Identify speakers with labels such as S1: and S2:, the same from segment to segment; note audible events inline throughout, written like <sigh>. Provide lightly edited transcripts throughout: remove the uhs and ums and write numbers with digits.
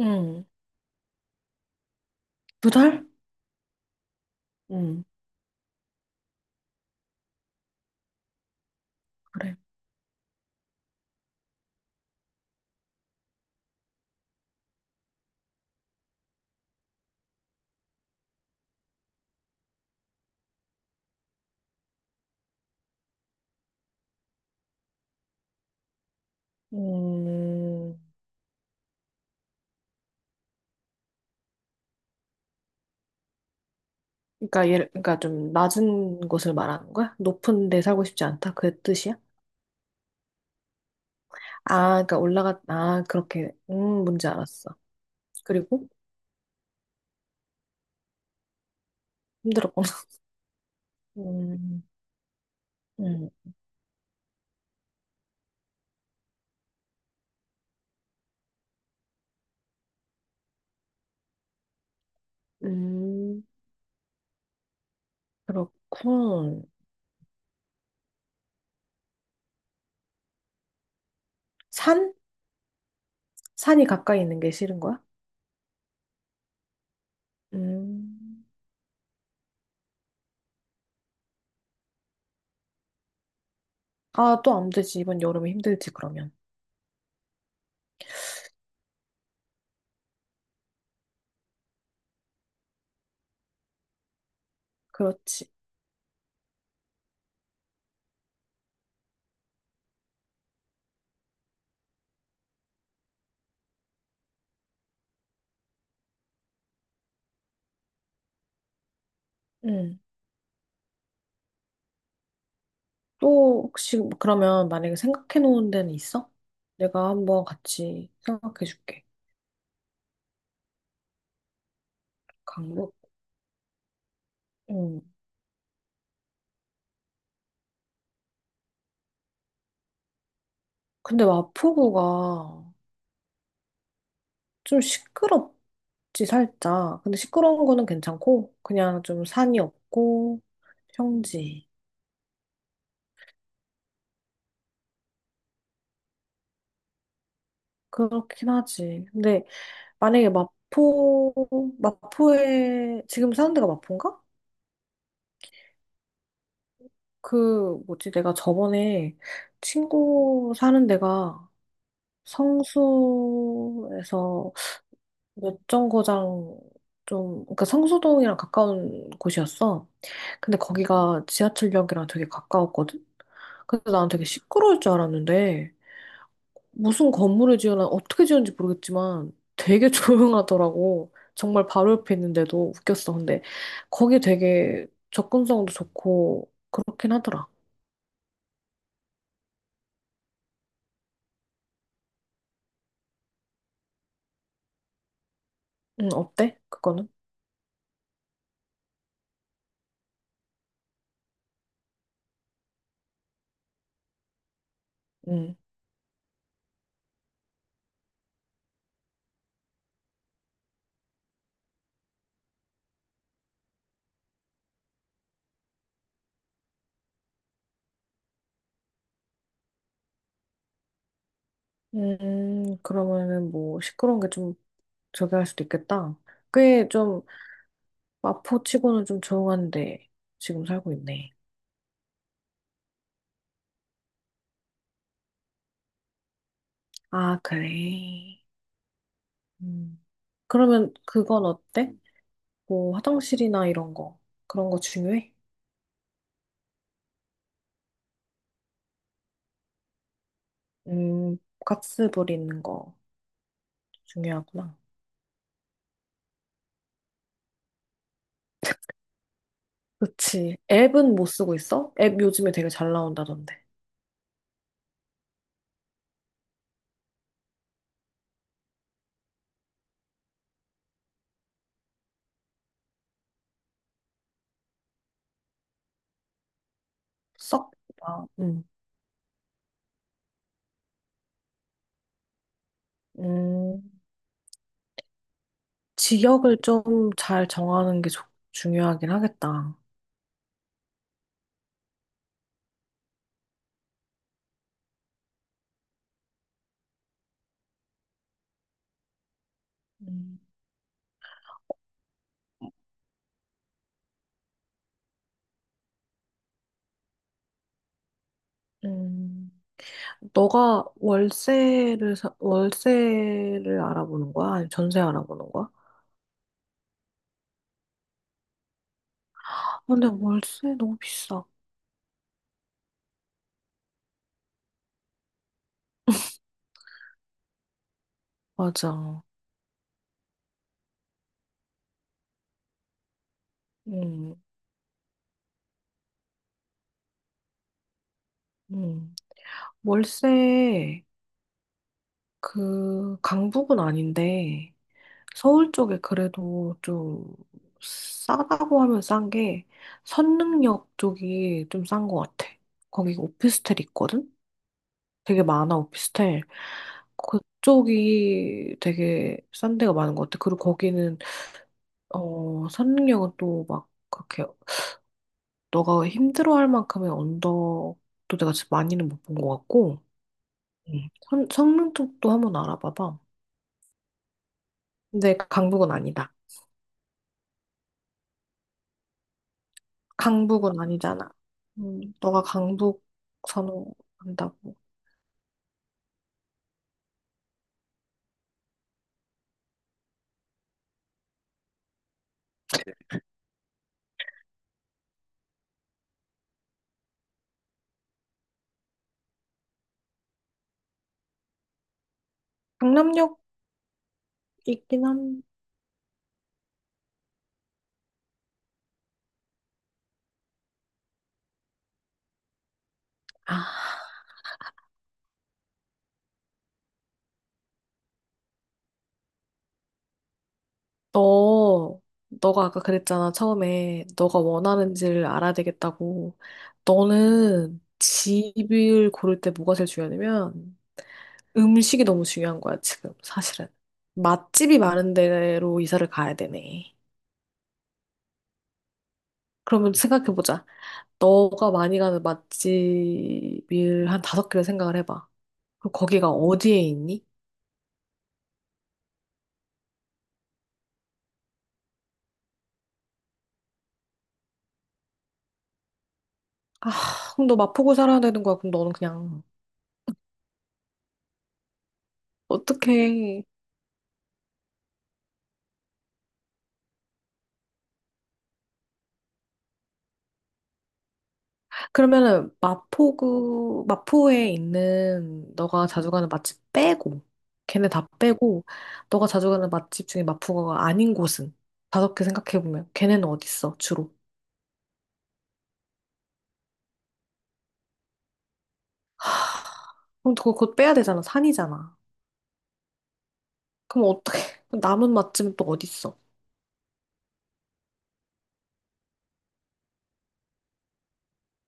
S1: 응, 두 달? 응. 그래. 음, 그러니까 좀 낮은 곳을 말하는 거야? 높은 데 살고 싶지 않다? 그 뜻이야? 아, 그러니까 아, 그렇게, 뭔지 알았어. 그리고 힘들었구나. <laughs> 음. 음. 음. 그렇군. 산? 산이 가까이 있는 게 싫은 거야? 음. 아, 또 안 되지. 이번 여름에 힘들지, 그러면. 그렇지. 또 혹시 그러면 만약에 생각해 놓은 데는 있어? 내가 한번 같이 생각해 줄게. 강북. 응. 근데 마포구가 좀 시끄럽지, 살짝. 근데 시끄러운 거는 괜찮고 그냥 좀 산이 없고 평지. 그렇긴 하지. 근데 만약에 마포에 지금 사는 데가 마포인가? 그 뭐지? 내가 저번에 친구 사는 데가 성수에서 몇정거장, 좀, 그러니까 성수동이랑 가까운 곳이었어. 근데 거기가 지하철역이랑 되게 가까웠거든? 그래서 난 되게 시끄러울 줄 알았는데, 무슨 건물을 지어나 어떻게 지었는지 모르겠지만 되게 <laughs> 조용하더라고. 정말 바로 옆에 있는데도 웃겼어. 근데 거기 되게 접근성도 좋고 그렇긴 하더라. 응, 어때? 그거는? 응. 그러면은 뭐 시끄러운 게 좀 저기 할 수도 있겠다. 꽤좀 마포치고는 좀 조용한데 지금 살고 있네. 아, 그래. 음. 그러면 그건 어때? 뭐 화장실이나 이런 거, 그런 거 중요해? 음, 가스 버리는 거 중요하구나. 그치. 앱은 못 쓰고 있어? 앱 요즘에 되게 잘 나온다던데. 썩. 아, 음. 지역을 좀 잘 정하는 게 중요하긴 하겠다. 음. 음. 너가 월세를 알아보는 거야? 아니면 전세 알아보는 거야? 아, 근데 월세 너무 비싸. 맞아. 음. 음. 월세, 그 강북은 아닌데 서울 쪽에 그래도 좀 싸다고 하면 싼 게 선릉역 쪽이 좀 싼 것 같아. 거기 오피스텔 있거든? 되게 많아 오피스텔. 그쪽이 되게 싼 데가 많은 것 같아. 그리고 거기는 선능력은 또 막 그렇게 너가 힘들어할 만큼의 언덕도 내가 진짜 많이는 못 본 것 같고. 음. 성능 쪽도 한번 알아봐봐. 근데 강북은 아니다. 강북은 아니잖아. 너가 강북 선호한다고. 강남역 있긴 한. 아, 너 너가 아까 그랬잖아, 처음에 너가 원하는지를 알아야 되겠다고. 너는 집을 고를 때 뭐가 제일 중요하냐면 음식이 너무 중요한 거야, 지금, 사실은. 맛집이 많은 데로 이사를 가야 되네. 그러면 생각해보자. 너가 많이 가는 맛집을 한 다섯 개를 생각을 해봐. 그럼 거기가 어디에 있니? 아, 그럼 너 마포구 살아야 되는 거야. 그럼 너는 그냥, 어떡해. 그러면은, 마포에 있는 너가 자주 가는 맛집 빼고, 걔네 다 빼고, 너가 자주 가는 맛집 중에 마포구가 아닌 곳은 다섯 개 생각해보면, 걔네는 어디 있어, 주로? 그럼 그거 빼야 되잖아. 산이잖아. 그럼 어떻게 <laughs> 남은 맛집은 또 어디 있어?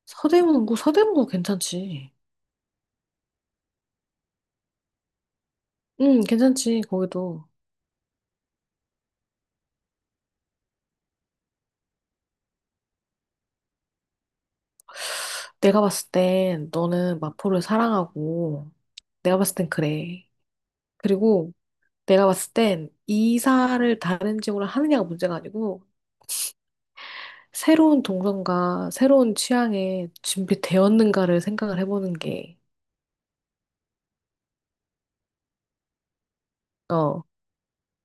S1: 서대문구, 서대문구 괜찮지. 응, 괜찮지, 거기도. 내가 봤을 땐 너는 마포를 사랑하고, 내가 봤을 땐 그래. 그리고 내가 봤을 땐 이사를 다른 지역으로 하느냐가 문제가 아니고 새로운 동선과 새로운 취향에 준비되었는가를 생각을 해보는 게어.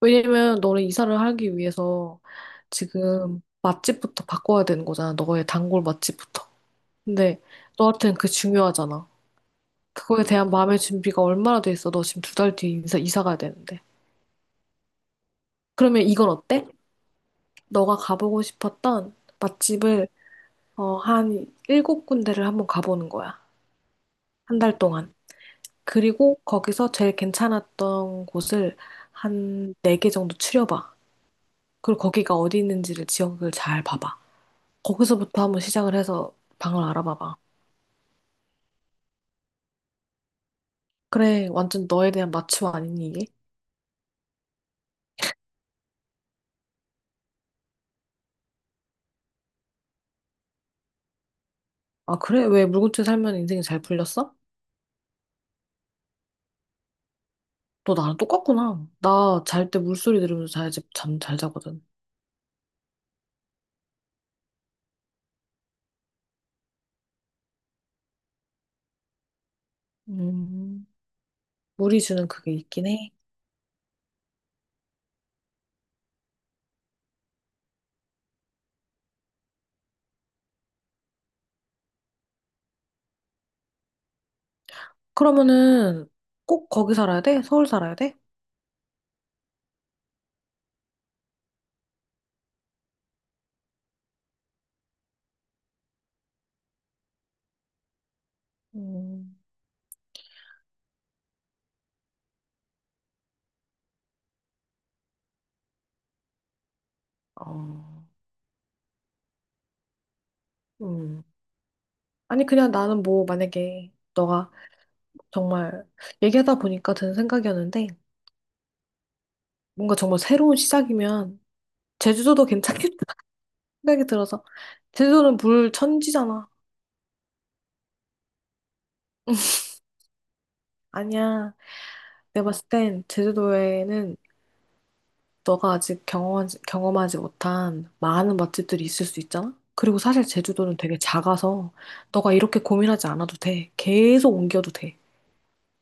S1: 왜냐면 너는 이사를 하기 위해서 지금 맛집부터 바꿔야 되는 거잖아. 너의 단골 맛집부터. 근데 너한테는 그게 중요하잖아. 그거에 대한 마음의 준비가 얼마나 돼 있어? 너 지금 두 달 뒤에 이사 가야 되는데. 그러면 이건 어때? 너가 가보고 싶었던 맛집을 한 일곱 군데를 한번 가보는 거야. 한 달 동안. 그리고 거기서 제일 괜찮았던 곳을 한 네 개 정도 추려봐. 그리고 거기가 어디 있는지를, 지역을 잘 봐봐. 거기서부터 한번 시작을 해서 방을 알아봐봐. 그래, 완전 너에 대한 마취와 아니니, 이게? 아, 그래? 왜 물고기 살면 인생이 잘 풀렸어? 너 나랑 똑같구나. 나 잘 때 물소리 들으면서 자야지 잠 잘 자거든. 음. 물이 주는 그게 있긴 해. 그러면은 꼭 거기 살아야 돼? 서울 살아야 돼? 음. 어. 음. 아니, 그냥 나는 뭐, 만약에 너가 정말 얘기하다 보니까 드는 생각이었는데, 뭔가 정말 새로운 시작이면, 제주도도 괜찮겠다 <laughs> 생각이 들어서, 제주도는 물 천지잖아. 아니야. 내가 봤을 땐 제주도에는 너가 아직 경험하지 못한 많은 맛집들이 있을 수 있잖아? 그리고 사실 제주도는 되게 작아서 너가 이렇게 고민하지 않아도 돼. 계속 옮겨도 돼.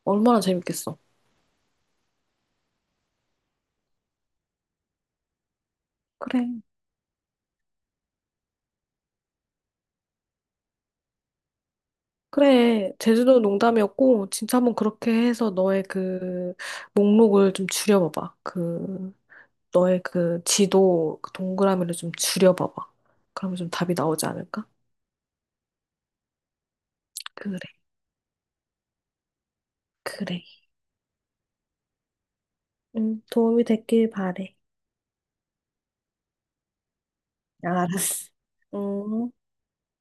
S1: 얼마나 재밌겠어. 그래. 그래. 제주도 농담이었고, 진짜 한번 그렇게 해서 너의 그 목록을 좀 줄여봐봐. 너의 그 지도, 그 동그라미를 좀 줄여봐봐. 그러면 좀 답이 나오지 않을까? 그래. 그래. 응, 도움이 됐길 바래. 아, 알았어. 음.